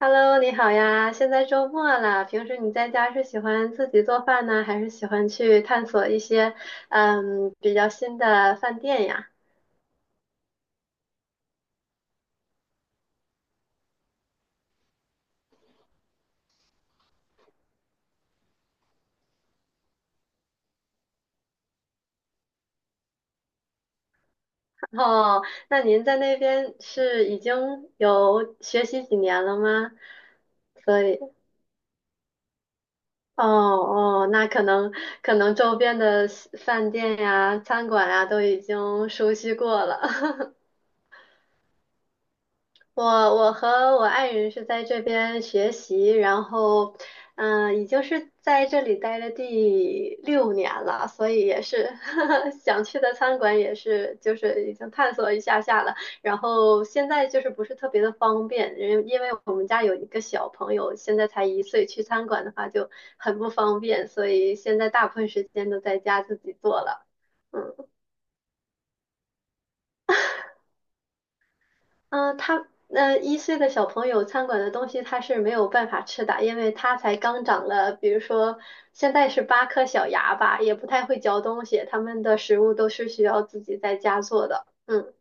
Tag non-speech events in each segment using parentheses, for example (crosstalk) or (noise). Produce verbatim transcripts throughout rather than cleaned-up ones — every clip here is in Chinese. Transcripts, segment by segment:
Hello，你好呀！现在周末了，平时你在家是喜欢自己做饭呢，还是喜欢去探索一些嗯比较新的饭店呀？哦，那您在那边是已经有学习几年了吗？所以，哦哦，那可能可能周边的饭店呀、餐馆呀都已经熟悉过了。(laughs) 我我和我爱人是在这边学习，然后，嗯、已经是在这里待了第六年了，所以也是 (laughs) 想去的餐馆也是就是已经探索一下下了，然后现在就是不是特别的方便，因因为我们家有一个小朋友，现在才一岁，去餐馆的话就很不方便，所以现在大部分时间都在家自己做了。嗯嗯，呃他呃一岁的小朋友餐馆的东西他是没有办法吃的，因为他才刚长了，比如说现在是八颗小牙吧，也不太会嚼东西，他们的食物都是需要自己在家做的。嗯，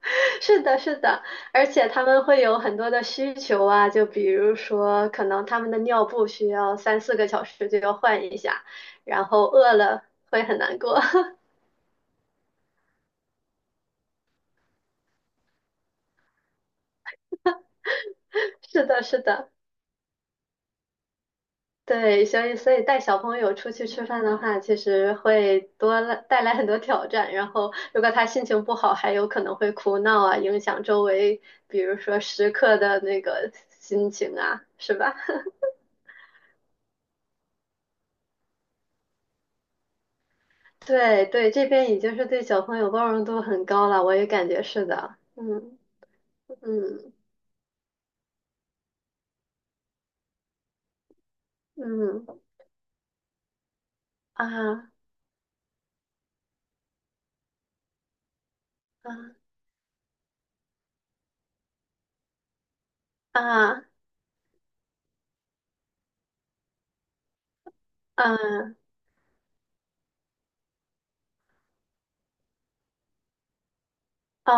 (laughs) 是的，是的，而且他们会有很多的需求啊，就比如说可能他们的尿布需要三四个小时就要换一下，然后饿了会很难过。(laughs) 是的，是的。对，所以所以带小朋友出去吃饭的话，其实会多了带来很多挑战。然后，如果他心情不好，还有可能会哭闹啊，影响周围，比如说食客的那个心情啊，是吧？(laughs) 对对，这边已经是对小朋友包容度很高了，我也感觉是的。嗯，嗯，嗯，啊，啊，啊，啊！哦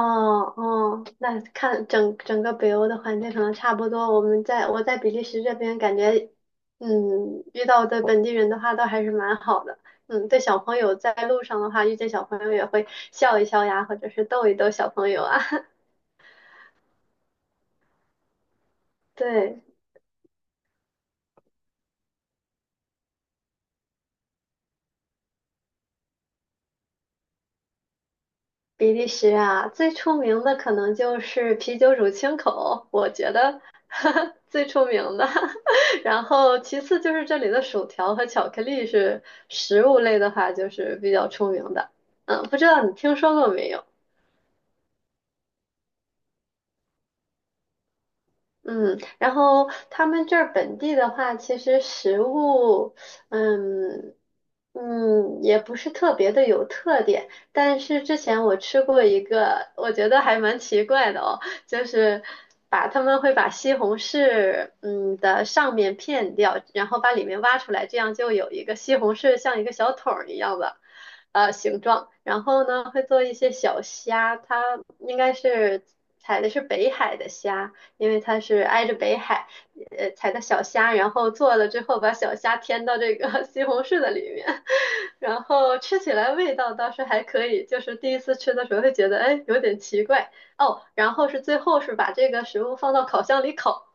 哦，那看整整个北欧的环境可能差不多。我们在我在比利时这边感觉，嗯，遇到的本地人的话都还是蛮好的。嗯，对小朋友在路上的话，遇见小朋友也会笑一笑呀，或者是逗一逗小朋友啊。(laughs) 对。比利时啊，最出名的可能就是啤酒乳清口，我觉得 (laughs) 最出名的。(laughs) 然后其次就是这里的薯条和巧克力是食物类的话，就是比较出名的。嗯，不知道你听说过没有？嗯，然后他们这儿本地的话，其实食物，嗯嗯，也不是特别的有特点。但是之前我吃过一个，我觉得还蛮奇怪的哦，就是把他们会把西红柿嗯的上面片掉，然后把里面挖出来，这样就有一个西红柿像一个小桶儿一样的。呃形状，然后呢会做一些小虾，它应该是采的是北海的虾，因为它是挨着北海，呃，采的小虾，然后做了之后把小虾添到这个 (laughs) 西红柿的里面，然后吃起来味道倒是还可以，就是第一次吃的时候会觉得哎有点奇怪哦，然后是最后是把这个食物放到烤箱里烤，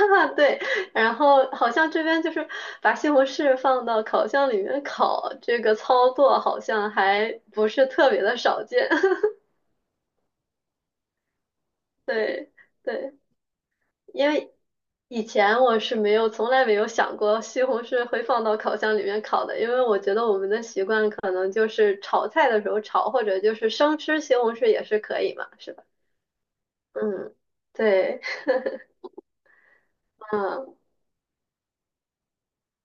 啊对，然后好像这边就是把西红柿放到烤箱里面烤，这个操作好像还不是特别的少见，(laughs) 对对。因为以前我是没有，从来没有想过西红柿会放到烤箱里面烤的，因为我觉得我们的习惯可能就是炒菜的时候炒，或者就是生吃西红柿也是可以嘛，是吧？嗯，对，嗯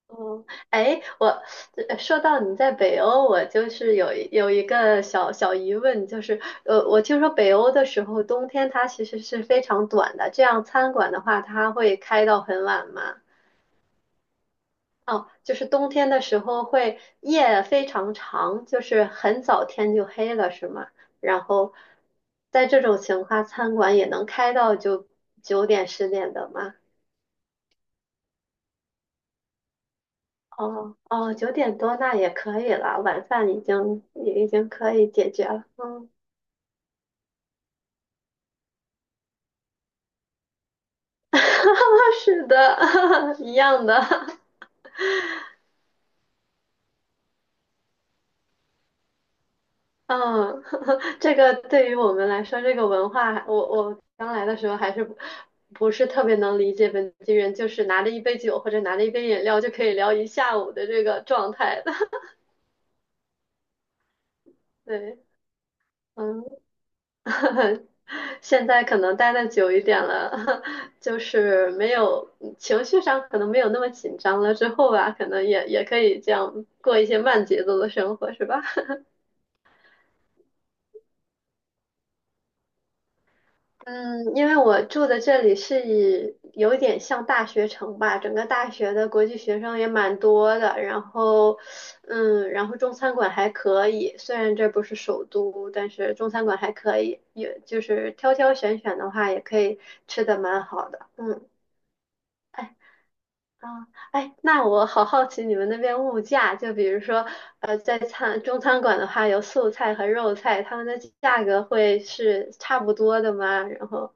嗯，哎，我呃说到你在北欧，我就是有一有一个小小疑问，就是呃，我听说北欧的时候冬天它其实是非常短的，这样餐馆的话它会开到很晚吗？哦，就是冬天的时候会夜非常长，就是很早天就黑了，是吗？然后在这种情况，餐馆也能开到就九点十点的吗？哦哦，九点多那也可以了，晚饭已经也已经可以解决了。嗯，(laughs) 是的，(laughs) 一样的。嗯，(laughs) 这个对于我们来说，这个文化，我我刚来的时候还是不不是特别能理解本地人，就是拿着一杯酒或者拿着一杯饮料就可以聊一下午的这个状态的。(laughs) 对，嗯，(laughs) 现在可能待的久一点了，(laughs) 就是没有情绪上可能没有那么紧张了，之后吧，可能也也可以这样过一些慢节奏的生活，是吧？嗯，因为我住的这里是以有点像大学城吧，整个大学的国际学生也蛮多的，然后，嗯，然后中餐馆还可以，虽然这不是首都，但是中餐馆还可以，也就是挑挑选选的话，也可以吃的蛮好的，嗯。哎啊，哎，那我好好奇你们那边物价，就比如说，呃，在餐中餐馆的话，有素菜和肉菜，他们的价格会是差不多的吗？然后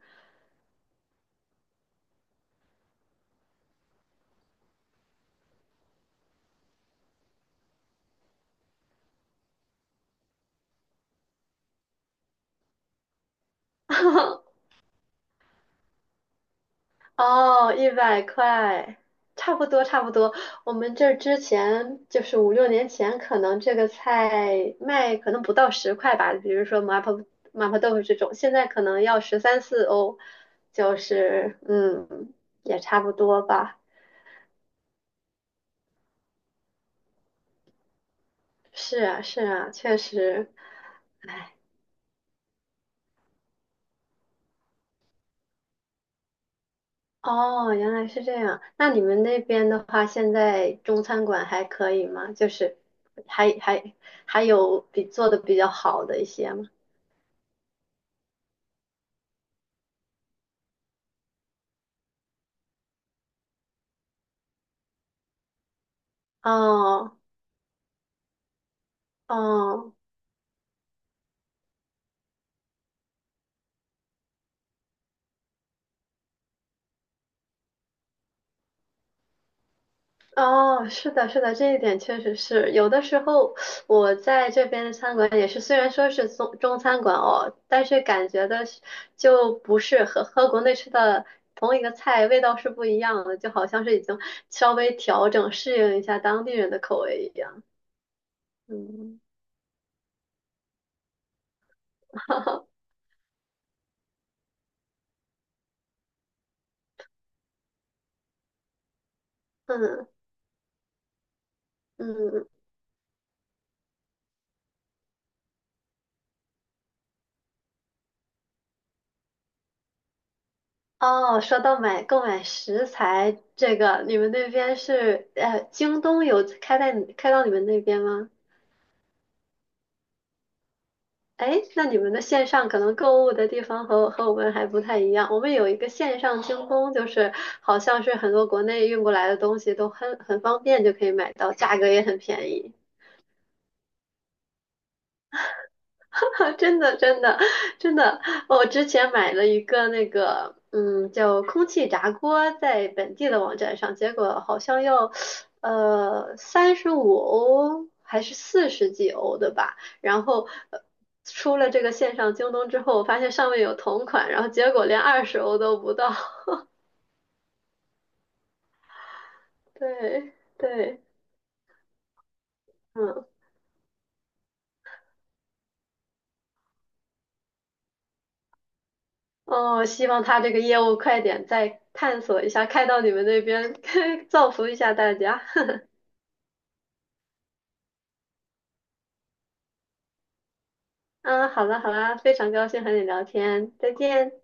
(laughs) 哦，一百块，差不多差不多。我们这儿之前就是五六年前，可能这个菜卖可能不到十块吧，比如说麻婆麻婆豆腐这种，现在可能要十三四欧，就是嗯，也差不多吧。是啊是啊，确实。哎，哦，原来是这样。那你们那边的话，现在中餐馆还可以吗？就是还还还有比做的比较好的一些吗？哦，哦，哦，是的，是的，这一点确实是。有的时候我在这边的餐馆也是，虽然说是中中餐馆哦，但是感觉的是就不是和和国内吃的同一个菜味道是不一样的，就好像是已经稍微调整适应一下当地人的口味一样。嗯。(laughs) 嗯哈哈，嗯，哦，说到买购买食材这个，你们那边是呃，京东有开在开到你们那边吗？哎，那你们的线上可能购物的地方和和我们还不太一样。我们有一个线上京东，就是好像是很多国内运过来的东西都很很方便就可以买到，价格也很便宜。(laughs) 真的，真的，真的，我之前买了一个那个，嗯，叫空气炸锅，在本地的网站上，结果好像要，呃，三十五欧还是四十几欧的吧。然后，呃出了这个线上京东之后，我发现上面有同款，然后结果连二十欧都不到。(laughs) 对，对，嗯，哦，希望他这个业务快点再探索一下，开到你们那边，(laughs) 造福一下大家。嗯，好了好了，非常高兴和你聊天，再见。